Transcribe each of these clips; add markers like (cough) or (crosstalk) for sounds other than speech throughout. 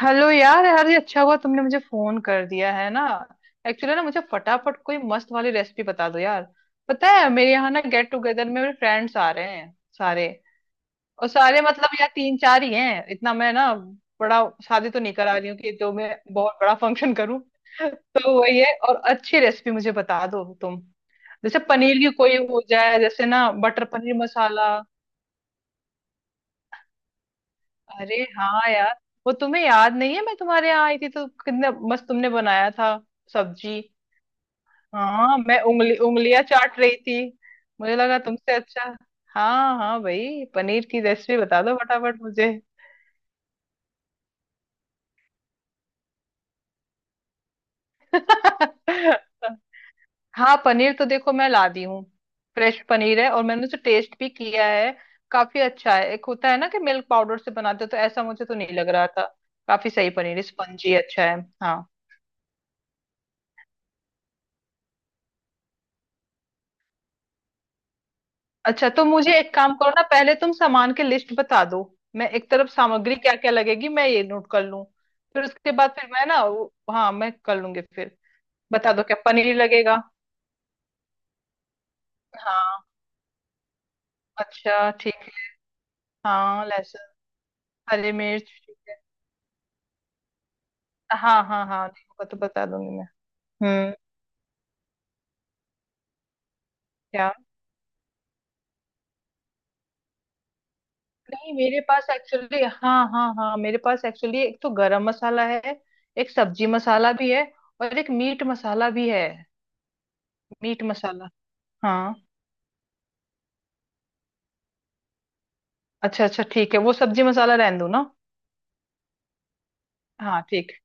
Hello यार, ये अच्छा हुआ तुमने मुझे फोन कर दिया है ना। एक्चुअली ना मुझे फटाफट कोई मस्त वाली रेसिपी बता दो यार। पता है मेरे यहाँ ना गेट टुगेदर में मेरे फ्रेंड्स आ रहे हैं सारे। और सारे मतलब यार तीन चार ही हैं, इतना मैं ना बड़ा शादी तो नहीं करा रही हूँ कि तो मैं बहुत बड़ा फंक्शन करूँ। तो वही है, और अच्छी रेसिपी मुझे बता दो तुम। जैसे पनीर की कोई हो जाए, जैसे ना बटर पनीर मसाला। अरे हाँ यार, वो तुम्हें याद नहीं है मैं तुम्हारे यहाँ आई थी तो कितना मस्त तुमने बनाया था सब्जी। हाँ मैं उंगली उंगलियां चाट रही थी। मुझे लगा तुमसे अच्छा। हाँ हाँ भाई, पनीर की रेसिपी बता दो फटाफट मुझे। (laughs) हाँ, पनीर तो देखो मैं ला दी हूँ। फ्रेश पनीर है और मैंने उसे टेस्ट भी किया है। काफी अच्छा है, एक होता है ना कि मिल्क पाउडर से बनाते हो, तो ऐसा मुझे तो नहीं लग रहा था। काफी सही पनीर, स्पंजी अच्छा है। हाँ, अच्छा तो मुझे एक काम करो ना, पहले तुम सामान की लिस्ट बता दो। मैं एक तरफ सामग्री क्या क्या लगेगी मैं ये नोट कर लूं। फिर उसके बाद फिर मैं ना हाँ मैं कर लूंगी फिर। बता दो क्या पनीर लगेगा। हाँ, अच्छा ठीक है। हाँ लहसुन। हरी मिर्च ठीक है। हाँ हाँ हाँ नहीं होगा तो बता दूंगी मैं। हम्म, क्या? नहीं, मेरे पास एक्चुअली, हाँ हाँ हाँ, मेरे पास एक्चुअली एक तो गरम मसाला है। एक सब्जी मसाला भी है। और एक मीट मसाला भी है। मीट मसाला। हाँ अच्छा अच्छा ठीक है, वो सब्जी मसाला रहने दूँ ना। हाँ ठीक है,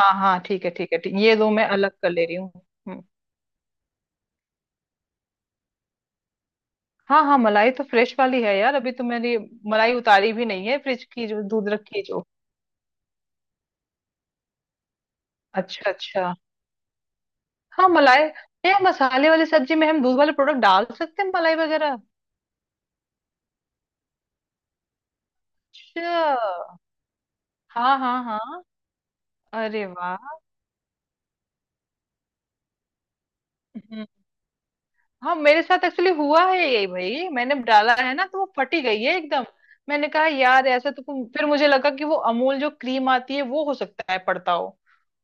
हाँ हाँ ठीक है ठीक है ठीक, ये दो मैं अलग कर ले रही हूँ। हम्म। हाँ हाँ मलाई तो फ्रेश वाली है यार, अभी तो मैंने मलाई उतारी भी नहीं है, फ्रिज की जो दूध रखी है जो। अच्छा अच्छा, हाँ मलाई। ये मसाले वाली सब्जी में हम दूध वाले प्रोडक्ट डाल सकते हैं, मलाई वगैरह। अच्छा। हाँ हाँ हाँ। अरे वाह। हाँ मेरे साथ एक्चुअली हुआ है यही भाई, मैंने डाला है ना तो वो फटी गई है एकदम। मैंने कहा यार ऐसा तो, तुम फिर मुझे लगा कि वो अमूल जो क्रीम आती है वो हो सकता है पड़ता हो।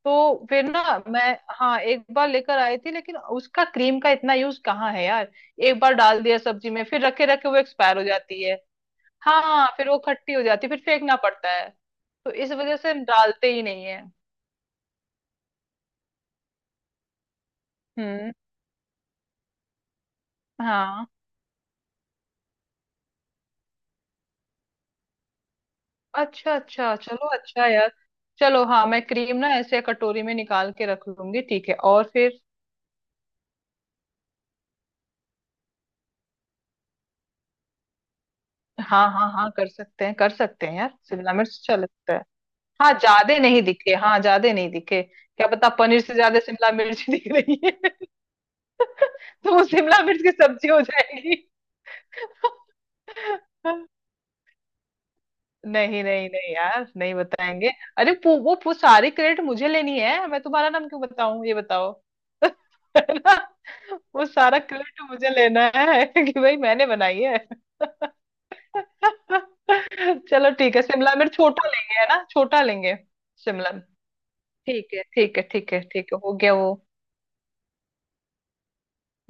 तो फिर ना मैं, हाँ एक बार लेकर आई थी, लेकिन उसका क्रीम का इतना यूज कहाँ है यार। एक बार डाल दिया सब्जी में, फिर रखे रखे वो एक्सपायर हो जाती है। हाँ फिर वो खट्टी हो जाती है, फिर फेंकना पड़ता है। तो इस वजह से हम डालते ही नहीं है। हम्म हाँ अच्छा अच्छा, चलो अच्छा है यार। चलो हाँ, मैं क्रीम ना ऐसे कटोरी में निकाल के रख लूंगी, ठीक है। और फिर हाँ हाँ हाँ, कर सकते हैं यार, शिमला मिर्च अच्छा लगता है। हाँ ज्यादा नहीं दिखे, हाँ ज्यादा नहीं दिखे, क्या पता पनीर से ज्यादा शिमला मिर्च (laughs) दिख रही है। (laughs) तो वो शिमला मिर्च की सब्जी हो जाएगी। (laughs) नहीं नहीं नहीं यार, नहीं बताएंगे। अरे पू, वो पू, सारी क्रेडिट मुझे लेनी है, मैं तुम्हारा नाम क्यों बताऊं ये बताओ। (laughs) है ना? वो सारा क्रेडिट मुझे लेना है (laughs) कि भाई मैंने बनाई है। (laughs) चलो ठीक है, शिमला मिर्च छोटा लेंगे, है ना, छोटा लेंगे। शिमला, ठीक है ठीक है ठीक है ठीक है, हो गया वो।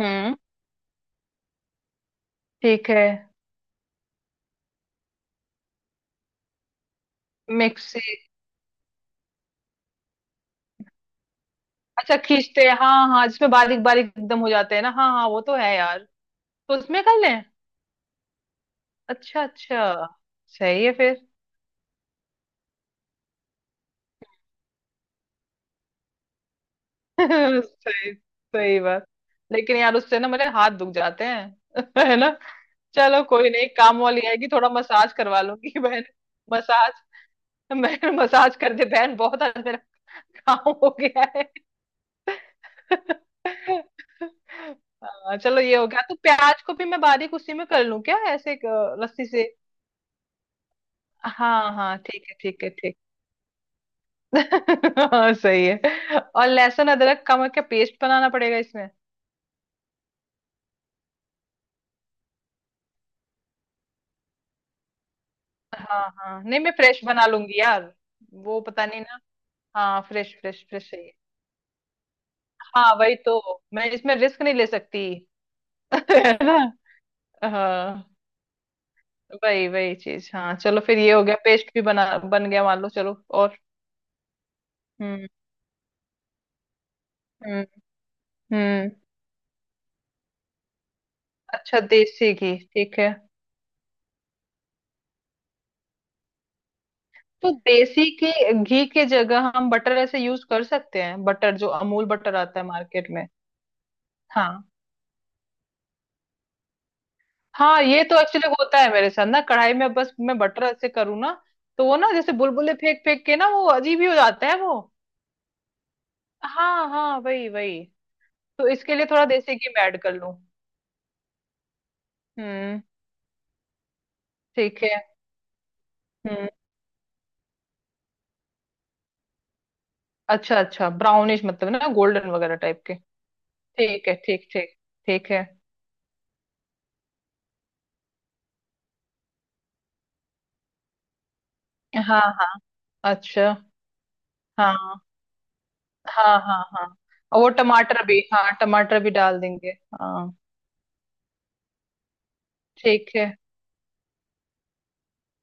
हम्म, ठीक है। मिक्सी। अच्छा खींचते हैं, हाँ हाँ जिसमें बारीक बारीक एकदम हो जाते हैं ना, हाँ हाँ वो तो है यार। तो उसमें कर लें। अच्छा अच्छा, सही है फिर। (laughs) सही सही बात। लेकिन यार उससे ना मेरे हाथ दुख जाते हैं। (laughs) है ना। चलो कोई नहीं, काम वाली आएगी थोड़ा मसाज करवा लूंगी (laughs) बहन। मसाज, मैं मसाज कर दे बहन, बहुत आज मेरा काम हो गया है। (laughs) हाँ, चलो ये हो गया, तो प्याज को भी मैं बारीक उसी में कर लूं क्या, ऐसे एक, रस्सी से। हाँ हाँ ठीक है ठीक है ठीक। (laughs) हाँ सही है, और लहसुन अदरक का मैं क्या पेस्ट बनाना पड़ेगा? हाँ हाँ, नहीं मैं फ्रेश बना लूंगी यार। वो पता नहीं ना, हाँ फ्रेश फ्रेश फ्रेश चाहिए। हाँ वही तो, मैं इसमें रिस्क नहीं ले सकती। (laughs) है ना। हाँ वही वही चीज, हाँ चलो फिर ये हो गया पेस्ट भी बना बन गया मान लो, चलो और हम्म हम्म हम्म। अच्छा देसी घी ठीक है। तो देसी के घी के जगह हम बटर ऐसे यूज कर सकते हैं, बटर जो अमूल बटर आता है मार्केट में। हाँ हाँ ये तो एक्चुअली होता है मेरे साथ ना, कढ़ाई में बस मैं बटर ऐसे करूँ ना, तो वो ना जैसे बुलबुले फेंक फेंक के ना वो अजीब ही हो जाता है वो। हाँ हाँ वही वही। तो इसके लिए थोड़ा देसी घी मैं ऐड कर लूँ। हम्म, ठीक है। हम्म अच्छा अच्छा, ब्राउनिश मतलब ना गोल्डन वगैरह टाइप के। ठीक है ठीक ठीक। ठीक है। हाँ हाँ। अच्छा। हाँ हाँ हाँ हाँ। और वो टमाटर भी, हाँ टमाटर भी डाल देंगे। हाँ ठीक है।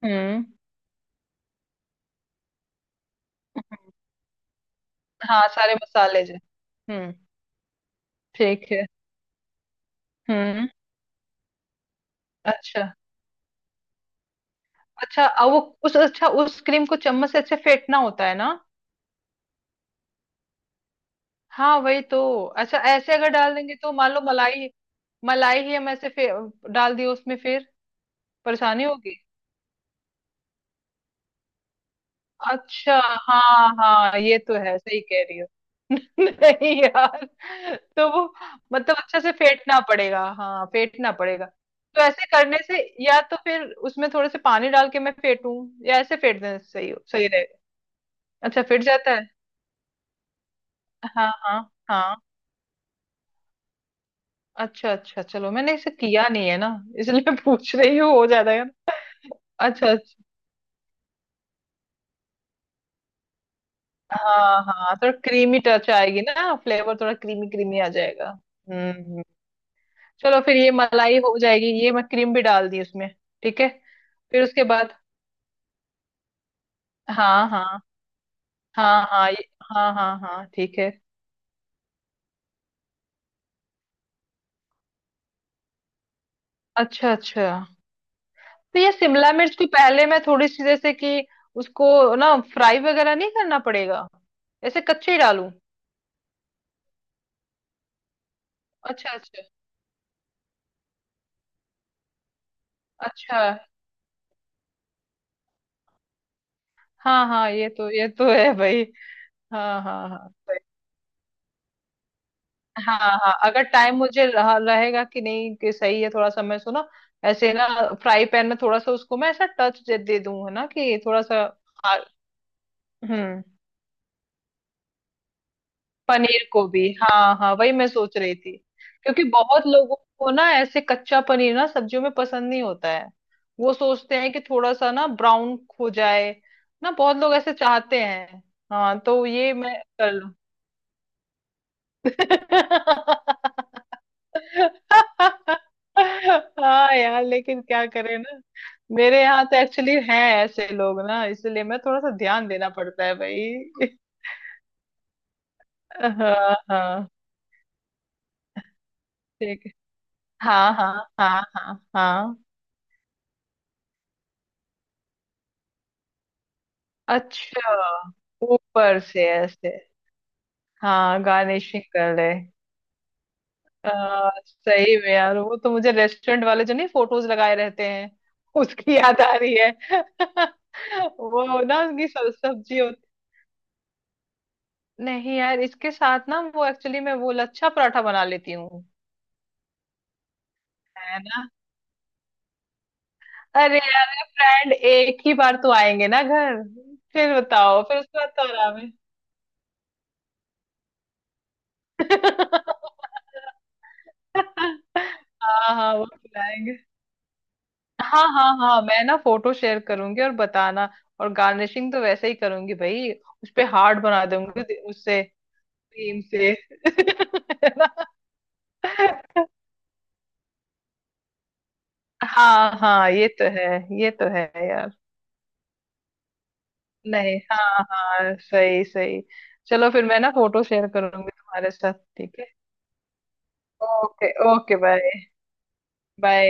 हम्म हम्म, हाँ सारे मसाले जो। हम्म, ठीक है। हम्म, अच्छा अच्छा। अब वो, उस, अच्छा उस क्रीम को चम्मच से अच्छे फेंटना होता है ना? हाँ वही तो। अच्छा ऐसे अगर डाल देंगे तो, मान लो मलाई, मलाई ही हम ऐसे फे, डाल दिए उसमें फिर परेशानी होगी। अच्छा, हाँ हाँ ये तो है, सही कह रही हो। (laughs) नहीं यार। तो वो मतलब अच्छे से फेंटना पड़ेगा, हाँ फेंटना पड़ेगा। तो ऐसे करने से, या तो फिर उसमें थोड़े से पानी डाल के मैं फेंटूं, या ऐसे फेंट देना सही हो, सही रहेगा। अच्छा फिट जाता है। हाँ हाँ हाँ। अच्छा अच्छा चलो, मैंने इसे किया नहीं है ना, इसलिए (laughs) पूछ रही हूँ, हो जाएगा ना। अच्छा अच्छा। हाँ हाँ थोड़ा क्रीमी टच आएगी ना, फ्लेवर थोड़ा क्रीमी क्रीमी आ जाएगा। चलो फिर ये मलाई हो जाएगी, ये मैं क्रीम भी डाल दी उसमें। ठीक है, फिर उसके बाद। हाँ हाँ हाँ हाँ ये, हाँ हाँ हाँ ठीक है। अच्छा अच्छा। तो ये शिमला मिर्च को पहले मैं थोड़ी सी जैसे कि, उसको ना फ्राई वगैरह नहीं करना पड़ेगा, ऐसे कच्चे ही डालूं? अच्छा अच्छा। अच्छा। हाँ हाँ ये तो है भाई। हाँ हाँ हाँ सही। हाँ हाँ अगर टाइम मुझे रहेगा कि नहीं, कि सही है थोड़ा सा, मैं सो ना ऐसे ना, फ्राई पैन में थोड़ा सा उसको मैं ऐसा टच दे दूं, है ना कि थोड़ा सा। आ- हम्म, पनीर को भी, हाँ हाँ वही मैं सोच रही थी, क्योंकि बहुत लोगों को ना ऐसे कच्चा पनीर ना सब्जियों में पसंद नहीं होता है। वो सोचते हैं कि थोड़ा सा ना ब्राउन हो जाए ना, बहुत लोग ऐसे चाहते हैं। हाँ तो ये मैं कर लूं। (laughs) हाँ यार लेकिन क्या करें ना, मेरे यहाँ तो एक्चुअली हैं ऐसे लोग ना, इसलिए मैं थोड़ा सा ध्यान देना पड़ता है भाई। हाँ हाँ, ठीक है। हाँ हाँ हाँ हाँ हाँ। अच्छा, ऊपर से ऐसे। हाँ गार्निशिंग कर ले। आ, सही में यार, वो तो मुझे रेस्टोरेंट वाले जो नहीं फोटोज लगाए रहते हैं उसकी याद आ रही है। (laughs) वो ना उनकी सब्जी। नहीं यार इसके साथ ना, वो एक्चुअली मैं वो लच्छा पराठा बना लेती हूँ। है ना, अरे यार फ्रेंड एक ही बार तो आएंगे ना घर। फिर बताओ फिर उसके बाद तो आराम है। (laughs) हाँ हाँ वो खिलाएंगे। हाँ हाँ हाँ मैं ना फोटो शेयर करूंगी और बताना। और गार्निशिंग तो वैसे ही करूंगी भाई, उस पे हार्ट बना दूंगी उससे, क्रीम से। (laughs) है ना? हाँ हाँ ये तो है, ये तो है यार। नहीं हाँ हाँ सही सही। चलो फिर मैं ना फोटो शेयर करूंगी तुम्हारे साथ, ठीक है। Okay okay bye bye.